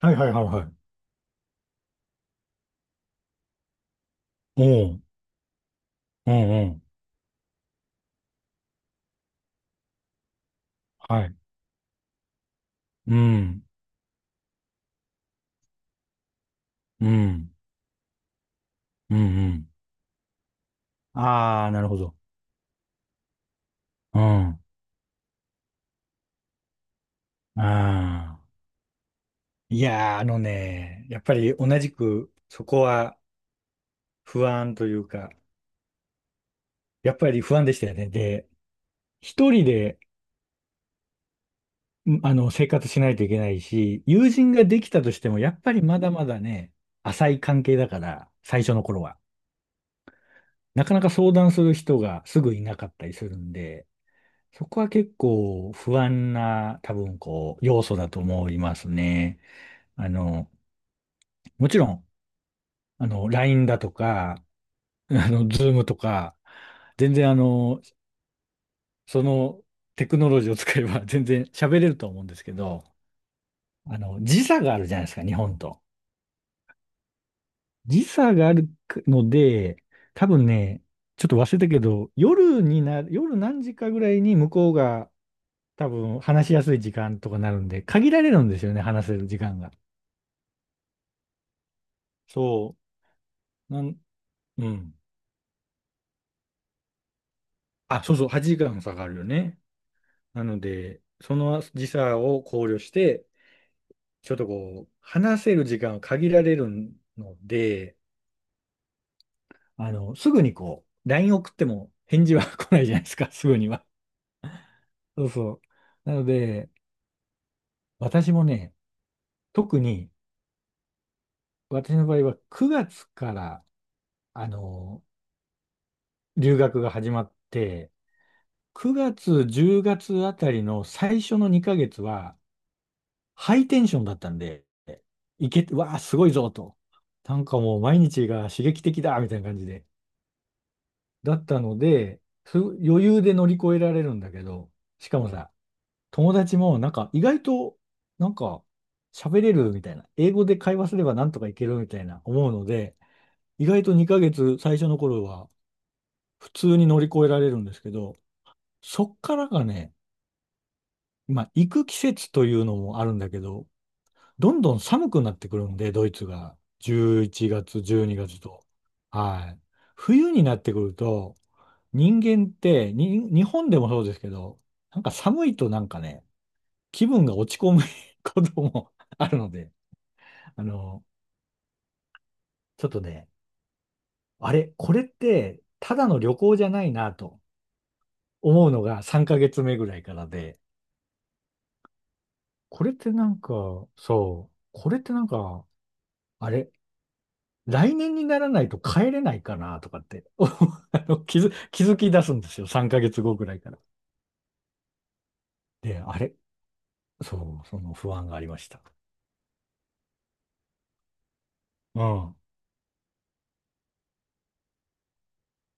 はいはいはいはい。おう、うんうん。はい。うん、うん、うん、うん。ああ、なるほど。うん。ああ。いやー、あのね、やっぱり同じく、そこは不安というか、やっぱり不安でしたよね。で、一人で、生活しないといけないし、友人ができたとしても、やっぱりまだまだね、浅い関係だから、最初の頃は。なかなか相談する人がすぐいなかったりするんで、そこは結構不安な多分こう要素だと思いますね。あの、もちろん、LINE だとか、Zoom とか、全然そのテクノロジーを使えば 全然喋れると思うんですけど、時差があるじゃないですか、日本と。時差があるので、多分ね、ちょっと忘れたけど、夜にな、夜何時かぐらいに向こうが多分話しやすい時間とかなるんで、限られるんですよね、話せる時間が。そう、うん。あ、そうそう、8時間差があるよね。なので、その時差を考慮して、ちょっとこう、話せる時間は限られるので、すぐにこう、LINE 送っても返事は 来ないじゃないですか、すぐには。そうそう。なので、私もね、特に、私の場合は9月から、あの、留学が始まって、9月、10月あたりの最初の2ヶ月は、ハイテンションだったんで、わあ、すごいぞと。なんかもう毎日が刺激的だみたいな感じで。だったので、余裕で乗り越えられるんだけど、しかもさ、友達もなんか意外となんか喋れるみたいな、英語で会話すればなんとかいけるみたいな思うので、意外と2ヶ月最初の頃は普通に乗り越えられるんですけど、そっからがね、まあ行く季節というのもあるんだけど、どんどん寒くなってくるんで、ドイツが。11月、12月と。はい。冬になってくると、人間ってに、日本でもそうですけど、なんか寒いとなんかね、気分が落ち込む ことも あるので、あの、ちょっとね、あれ、これって、ただの旅行じゃないなと思うのが3ヶ月目ぐらいからで、これってなんか、そう、これってなんか、あれ、来年にならないと帰れないかなとかって 気づき出すんですよ。3ヶ月後ぐらいから。で、あれそう、その不安がありました。うん。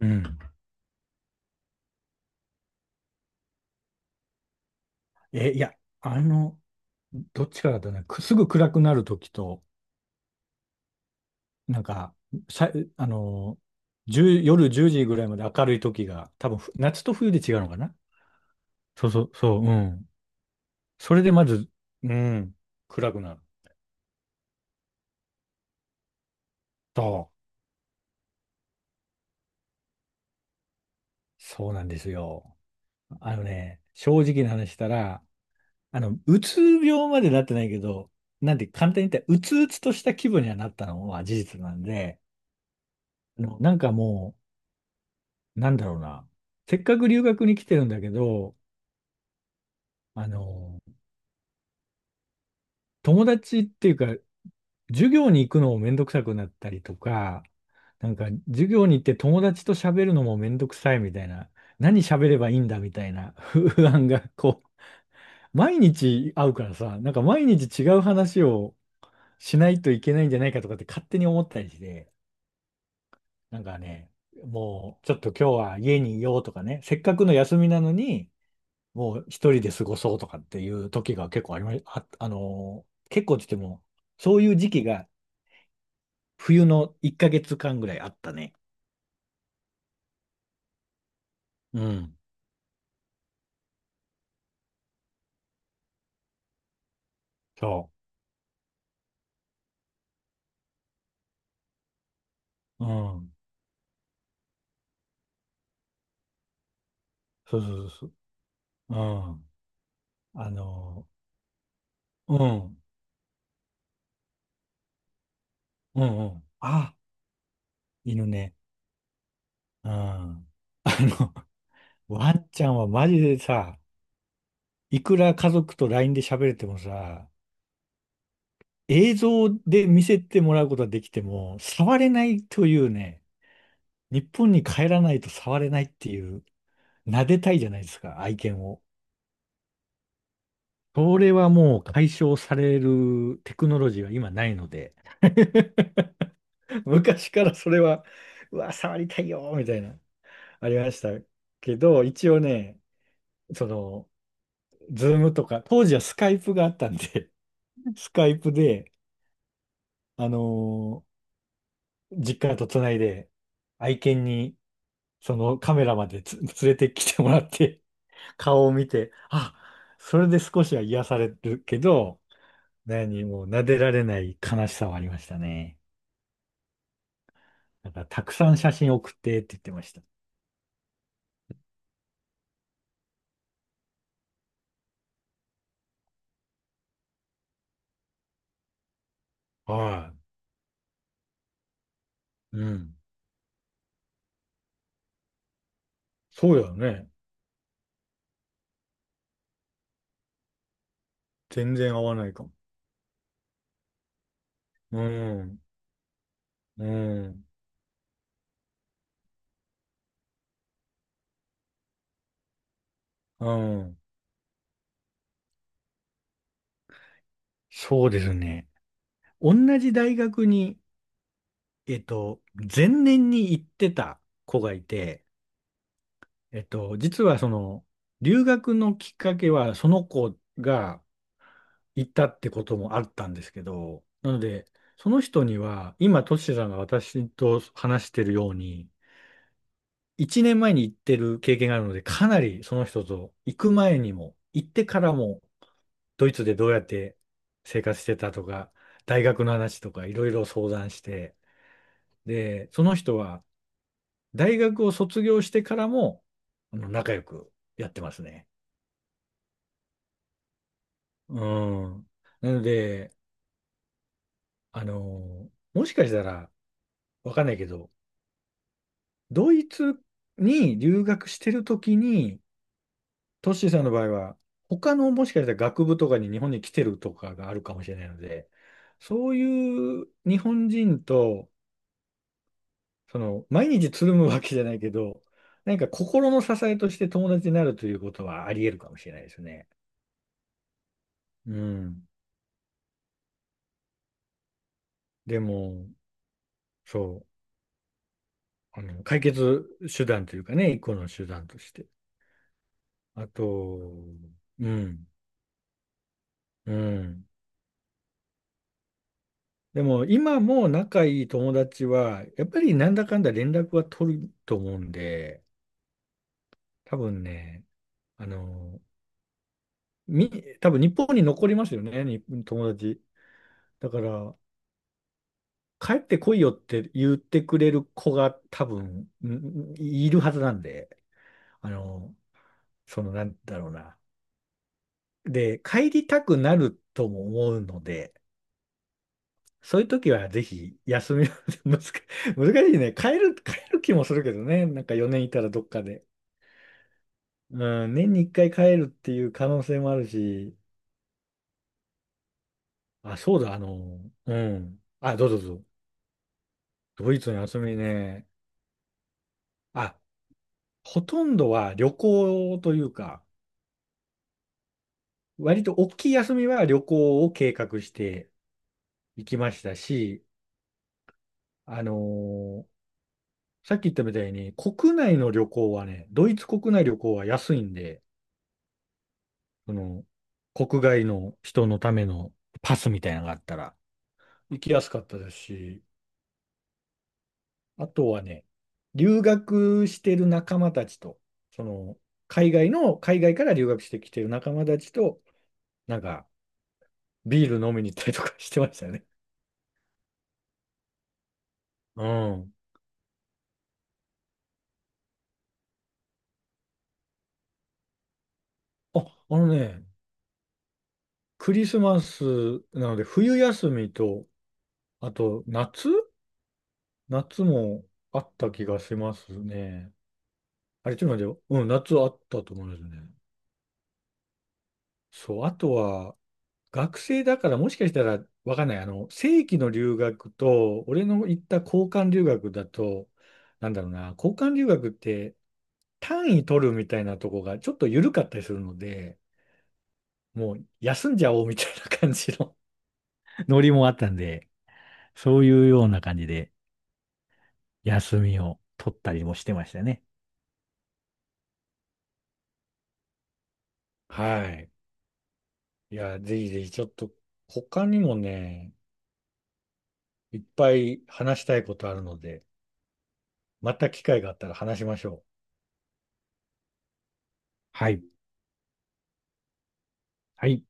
うん。え、いや、あの、どっちかだとね、くすぐ暗くなるときと、なんか、さあの、1夜10時ぐらいまで明るいときが、多分夏と冬で違うのかな。そうそう、そう、うん。それでまず、うん、暗くなる。そう、そうなんですよ。あのね、正直な話したら、うつ病までなってないけど、なんて簡単に言ったら、うつうつとした気分にはなったのは事実なんで、なんかもう、なんだろうな。せっかく留学に来てるんだけど、あの、友達っていうか、授業に行くのもめんどくさくなったりとか、なんか授業に行って友達と喋るのもめんどくさいみたいな、何喋ればいいんだみたいな 不安が、こう、毎日会うからさ、なんか毎日違う話をしないといけないんじゃないかとかって勝手に思ったりして、なんかね、もうちょっと今日は家にいようとかね、せっかくの休みなのに、もう一人で過ごそうとかっていう時が結構ありま、あ、あのー結構って言っても、そういう時期が冬の1ヶ月間ぐらいあったね。うん。そう。うん。そうそうそうそう。うん。あのうん。うんうん。あ、犬ね。うん。の、ワンちゃんはマジでさ、いくら家族と LINE で喋れてもさ、映像で見せてもらうことはできても、触れないというね、日本に帰らないと触れないっていう、撫でたいじゃないですか、愛犬を。それはもう解消されるテクノロジーは今ないので、昔からそれは、うわ、触りたいよ、みたいな、ありましたけど、一応ね、その、ズームとか、当時はスカイプがあったんで、スカイプで、あのー実家とつないで、愛犬に、そのカメラまで連れてきてもらって、顔を見て、あ、それで少しは癒されるけど、何もう撫でられない悲しさはありましたね。だからたくさん写真送ってって言ってました。はい。うん。そうやね。全然合わないかも。うん。うん。うん。そうですね。同じ大学に、えっと、前年に行ってた子がいて、実はその、留学のきっかけは、その子が行ったってこともあったんですけど、なので、その人には、今、トシさんが私と話してるように、1年前に行ってる経験があるので、かなりその人と行く前にも、行ってからも、ドイツでどうやって生活してたとか、大学の話とか、いろいろ相談して、で、その人は、大学を卒業してからも、仲良くやってますね。うん。なので、もしかしたら、わかんないけど、ドイツに留学してるときに、トッシーさんの場合は、他のもしかしたら学部とかに日本に来てるとかがあるかもしれないので、そういう日本人と、その、毎日つるむわけじゃないけど、なんか心の支えとして友達になるということはあり得るかもしれないですね。うん。でも、そう、解決手段というかね、一個の手段として。あと、うん、うん。でも今も仲いい友達は、やっぱりなんだかんだ連絡は取ると思うんで、多分ね、あの、み、多分日本に残りますよね、に友達。だから、帰ってこいよって言ってくれる子が多分、いるはずなんで、あの、なんだろうな。で、帰りたくなるとも思うので、そういう時はぜひ休みを 難し難しいね。帰る気もするけどね。なんか4年いたらどっかで。うん、年に1回帰るっていう可能性もあるし。あ、そうだ、うん。あ、どうぞどうぞ。ドイツの休みね。あ、ほとんどは旅行というか、割と大きい休みは旅行を計画していきましたし、あのーさっき言ったみたいに、国内の旅行はね、ドイツ国内旅行は安いんで、その、国外の人のためのパスみたいなのがあったら、行きやすかったですし、あとはね、留学してる仲間たちと、その、海外から留学してきてる仲間たちと、なんか、ビール飲みに行ったりとかしてましたね。うん。あ、あのね、クリスマスなので、冬休みと、あと夏もあった気がしますね。あれ、ちょっと待ってよ。うん、夏あったと思うんですよね。そう、あとは、学生だからもしかしたらわかんない。正規の留学と、俺の行った交換留学だと、なんだろうな、交換留学って単位取るみたいなとこがちょっと緩かったりするので、もう休んじゃおうみたいな感じの ノリもあったんで、そういうような感じで休みを取ったりもしてましたね。はい。いや、ぜひぜひちょっと他にもね、いっぱい話したいことあるので、また機会があったら話しましょう。はい。はい。